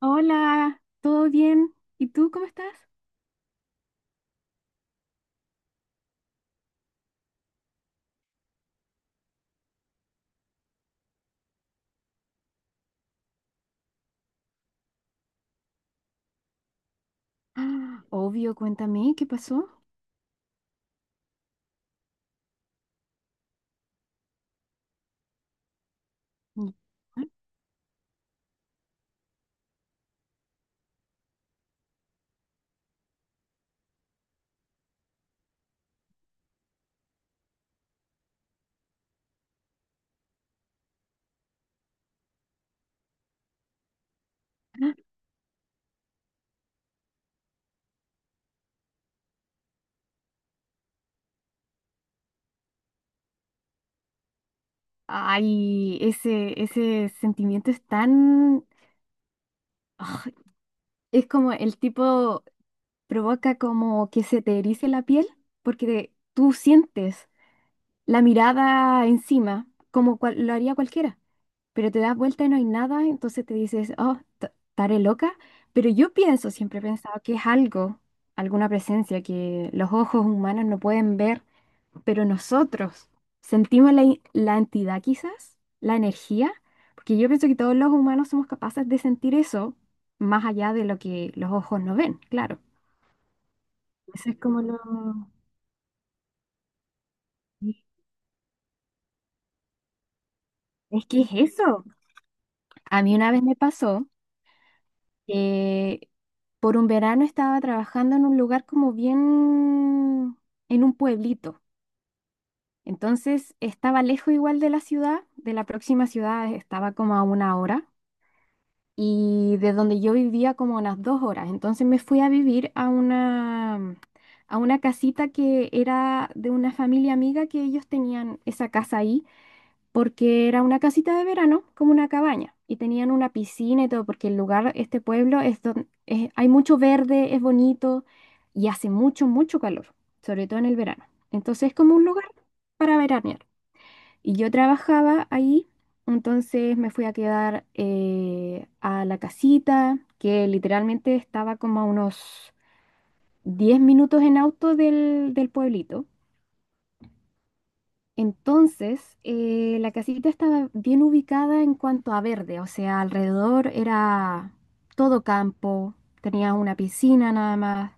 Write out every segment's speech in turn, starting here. Hola, ¿todo bien? ¿Y tú cómo estás? Ah, obvio, cuéntame, ¿qué pasó? Mm. Ay, ese sentimiento es tan... ah, es como el tipo, provoca como que se te erice la piel porque tú sientes la mirada encima, como lo haría cualquiera, pero te das vuelta y no hay nada, entonces te dices, oh, estaré loca, pero yo pienso, siempre he pensado que es algo, alguna presencia que los ojos humanos no pueden ver, pero nosotros sentimos la, la entidad quizás, la energía, porque yo pienso que todos los humanos somos capaces de sentir eso, más allá de lo que los ojos no ven, claro. Eso es como lo... Es que es eso. A mí una vez me pasó. Eh, por un verano estaba trabajando en un lugar como bien, en un pueblito. Entonces estaba lejos igual de la ciudad, de la próxima ciudad estaba como a 1 hora y de donde yo vivía como a unas 2 horas. Entonces me fui a vivir a una casita que era de una familia amiga, que ellos tenían esa casa ahí porque era una casita de verano, como una cabaña, y tenían una piscina y todo, porque el lugar, este pueblo, es hay mucho verde, es bonito y hace mucho, mucho calor, sobre todo en el verano. Entonces es como un lugar para veranear. Y yo trabajaba ahí, entonces me fui a quedar a la casita, que literalmente estaba como a unos 10 minutos en auto del, del pueblito. Entonces, la casita estaba bien ubicada en cuanto a verde, o sea, alrededor era todo campo, tenía una piscina nada más,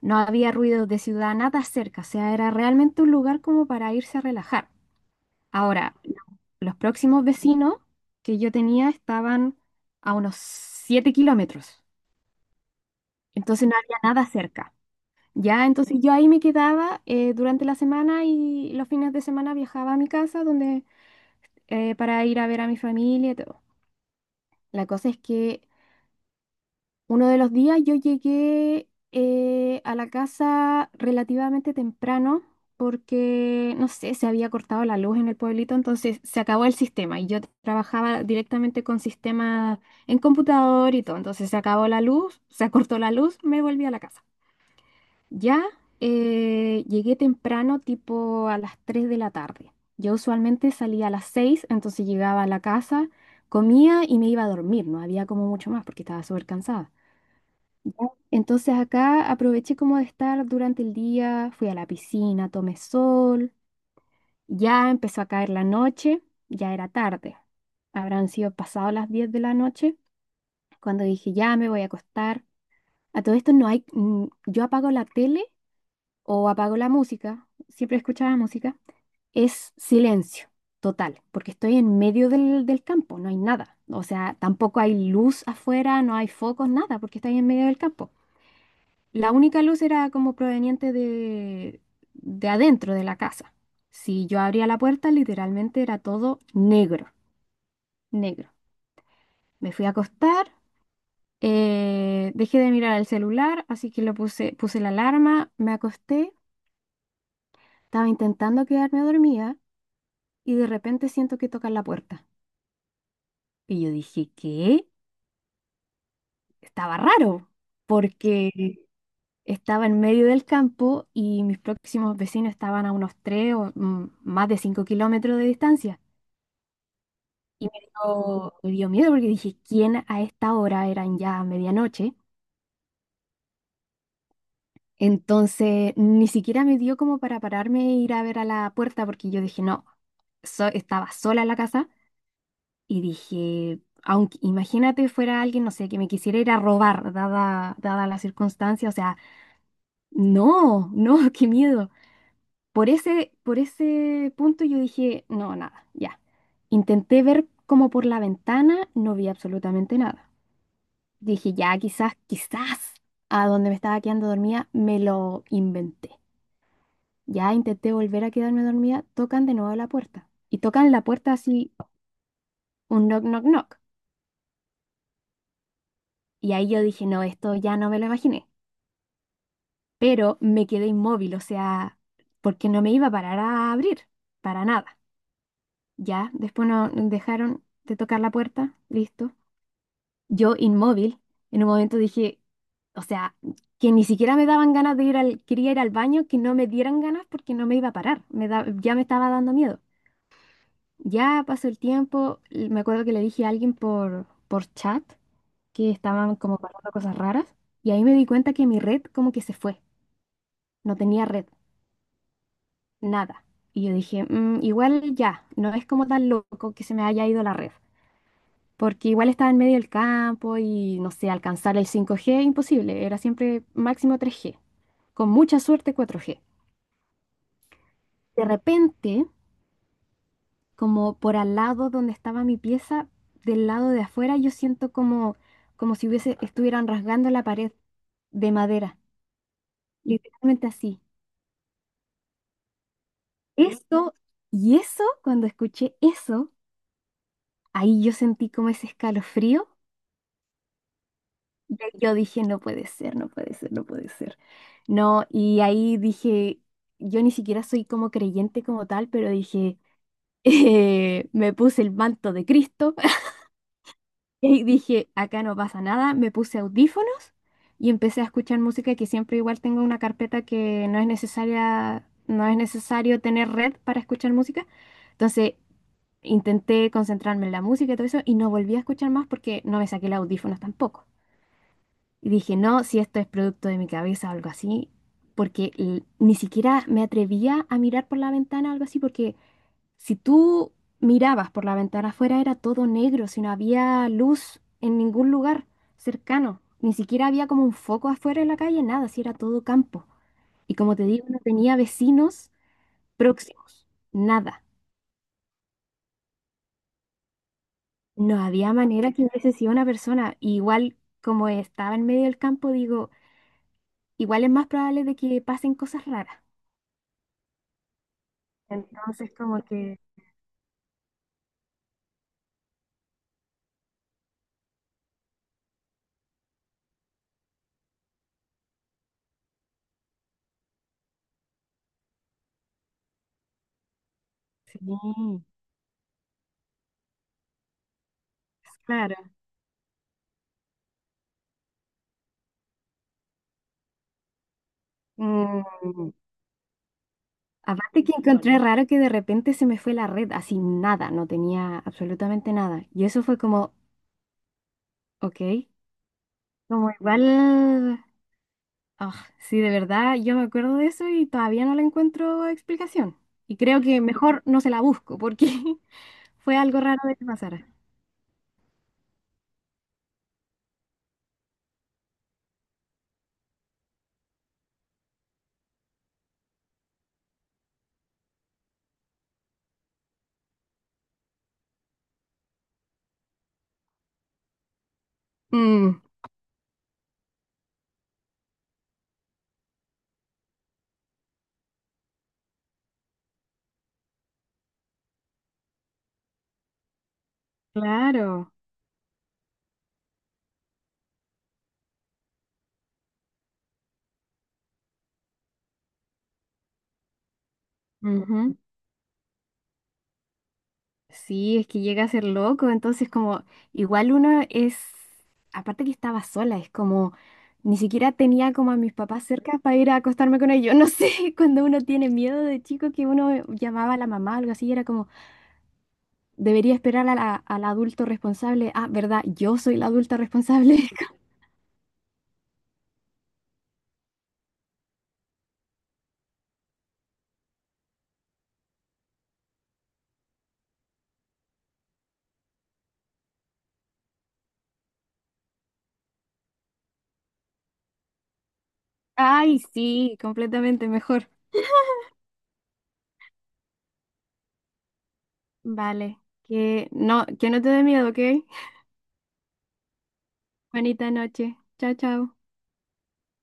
no había ruidos de ciudad, nada cerca, o sea, era realmente un lugar como para irse a relajar. Ahora, los próximos vecinos que yo tenía estaban a unos 7 kilómetros, entonces no había nada cerca. Ya, entonces yo ahí me quedaba durante la semana, y los fines de semana viajaba a mi casa donde para ir a ver a mi familia y todo. La cosa es que uno de los días yo llegué a la casa relativamente temprano porque, no sé, se había cortado la luz en el pueblito, entonces se acabó el sistema y yo trabajaba directamente con sistemas en computador y todo, entonces se acabó la luz, se cortó la luz, me volví a la casa. Ya llegué temprano, tipo a las 3 de la tarde. Yo usualmente salía a las 6, entonces llegaba a la casa, comía y me iba a dormir. No había como mucho más porque estaba súper cansada. Ya. Entonces acá aproveché como de estar durante el día, fui a la piscina, tomé sol, ya empezó a caer la noche, ya era tarde. Habrán sido pasadas las 10 de la noche cuando dije, ya me voy a acostar. A todo esto no hay, yo apago la tele o apago la música, siempre escuchaba música, es silencio total, porque estoy en medio del, del campo, no hay nada. O sea, tampoco hay luz afuera, no hay focos, nada, porque estoy en medio del campo. La única luz era como proveniente de adentro de la casa. Si yo abría la puerta, literalmente era todo negro, negro. Me fui a acostar, dejé de mirar el celular, así que lo puse, puse la alarma, me acosté, estaba intentando quedarme dormida y de repente siento que tocan la puerta. Y yo dije, ¿qué? Estaba raro, porque estaba en medio del campo y mis próximos vecinos estaban a unos 3 o más de 5 kilómetros de distancia. Y me dio miedo porque dije, ¿quién a esta hora? Eran ya medianoche. Entonces, ni siquiera me dio como para pararme e ir a ver a la puerta porque yo dije, no, estaba sola en la casa. Y dije, aunque imagínate fuera alguien, no sé, que me quisiera ir a robar, dada la circunstancia, o sea, no, no, qué miedo. Por ese punto yo dije, no, nada, ya. Intenté ver como por la ventana, no vi absolutamente nada. Dije, ya, quizás, a donde me estaba quedando dormida, me lo inventé. Ya intenté volver a quedarme dormida, tocan de nuevo la puerta. Y tocan la puerta así, un knock, knock, knock. Y ahí yo dije, no, esto ya no me lo imaginé. Pero me quedé inmóvil, o sea, porque no me iba a parar a abrir, para nada. Ya, después no dejaron de tocar la puerta, listo. Yo inmóvil, en un momento dije, o sea, que ni siquiera me daban ganas de ir al, quería ir al baño, que no me dieran ganas porque no me iba a parar, ya me estaba dando miedo. Ya pasó el tiempo, y me acuerdo que le dije a alguien por chat que estaban como pasando cosas raras y ahí me di cuenta que mi red como que se fue, no tenía red, nada. Y yo dije, "Mm, igual ya, no es como tan loco que se me haya ido la red, porque igual estaba en medio del campo y no sé, alcanzar el 5G imposible, era siempre máximo 3G, con mucha suerte 4G". De repente, como por al lado donde estaba mi pieza, del lado de afuera, yo siento como, como si hubiese, estuvieran rasgando la pared de madera, literalmente así. Eso, y eso, cuando escuché eso, ahí yo sentí como ese escalofrío. Yo dije, no puede ser, no puede ser, no puede ser. No, y ahí dije, yo ni siquiera soy como creyente como tal, pero dije, me puse el manto de Cristo y ahí dije, acá no pasa nada, me puse audífonos y empecé a escuchar música, que siempre igual tengo una carpeta que no es necesaria, no es necesario tener red para escuchar música. Entonces, intenté concentrarme en la música y todo eso y no volví a escuchar más porque no me saqué los audífonos tampoco. Y dije, no, si esto es producto de mi cabeza o algo así, porque ni siquiera me atrevía a mirar por la ventana o algo así, porque si tú mirabas por la ventana afuera era todo negro, si no había luz en ningún lugar cercano, ni siquiera había como un foco afuera en la calle, nada, si era todo campo. Y como te digo, no tenía vecinos próximos, nada. No había manera que hubiese sido una persona. Y igual como estaba en medio del campo, digo, igual es más probable de que pasen cosas raras. Entonces, como que sí, claro. Mm, aparte que encontré raro que de repente se me fue la red, así nada, no tenía absolutamente nada. Y eso fue como, ok, como igual, ah, sí, de verdad, yo me acuerdo de eso y todavía no le encuentro explicación. Y creo que mejor no se la busco porque fue algo raro de que pasara. Mm, claro. Ujú. Sí, es que llega a ser loco, entonces como igual uno es, aparte que estaba sola, es como ni siquiera tenía como a mis papás cerca para ir a acostarme con ellos. No sé, cuando uno tiene miedo de chico que uno llamaba a la mamá o algo así, era como, debería esperar a al adulto responsable. Ah, ¿verdad? Yo soy la adulta responsable. Ay, sí, completamente mejor. Vale, que no te dé miedo, ¿ok? Bonita noche. Chao, chao.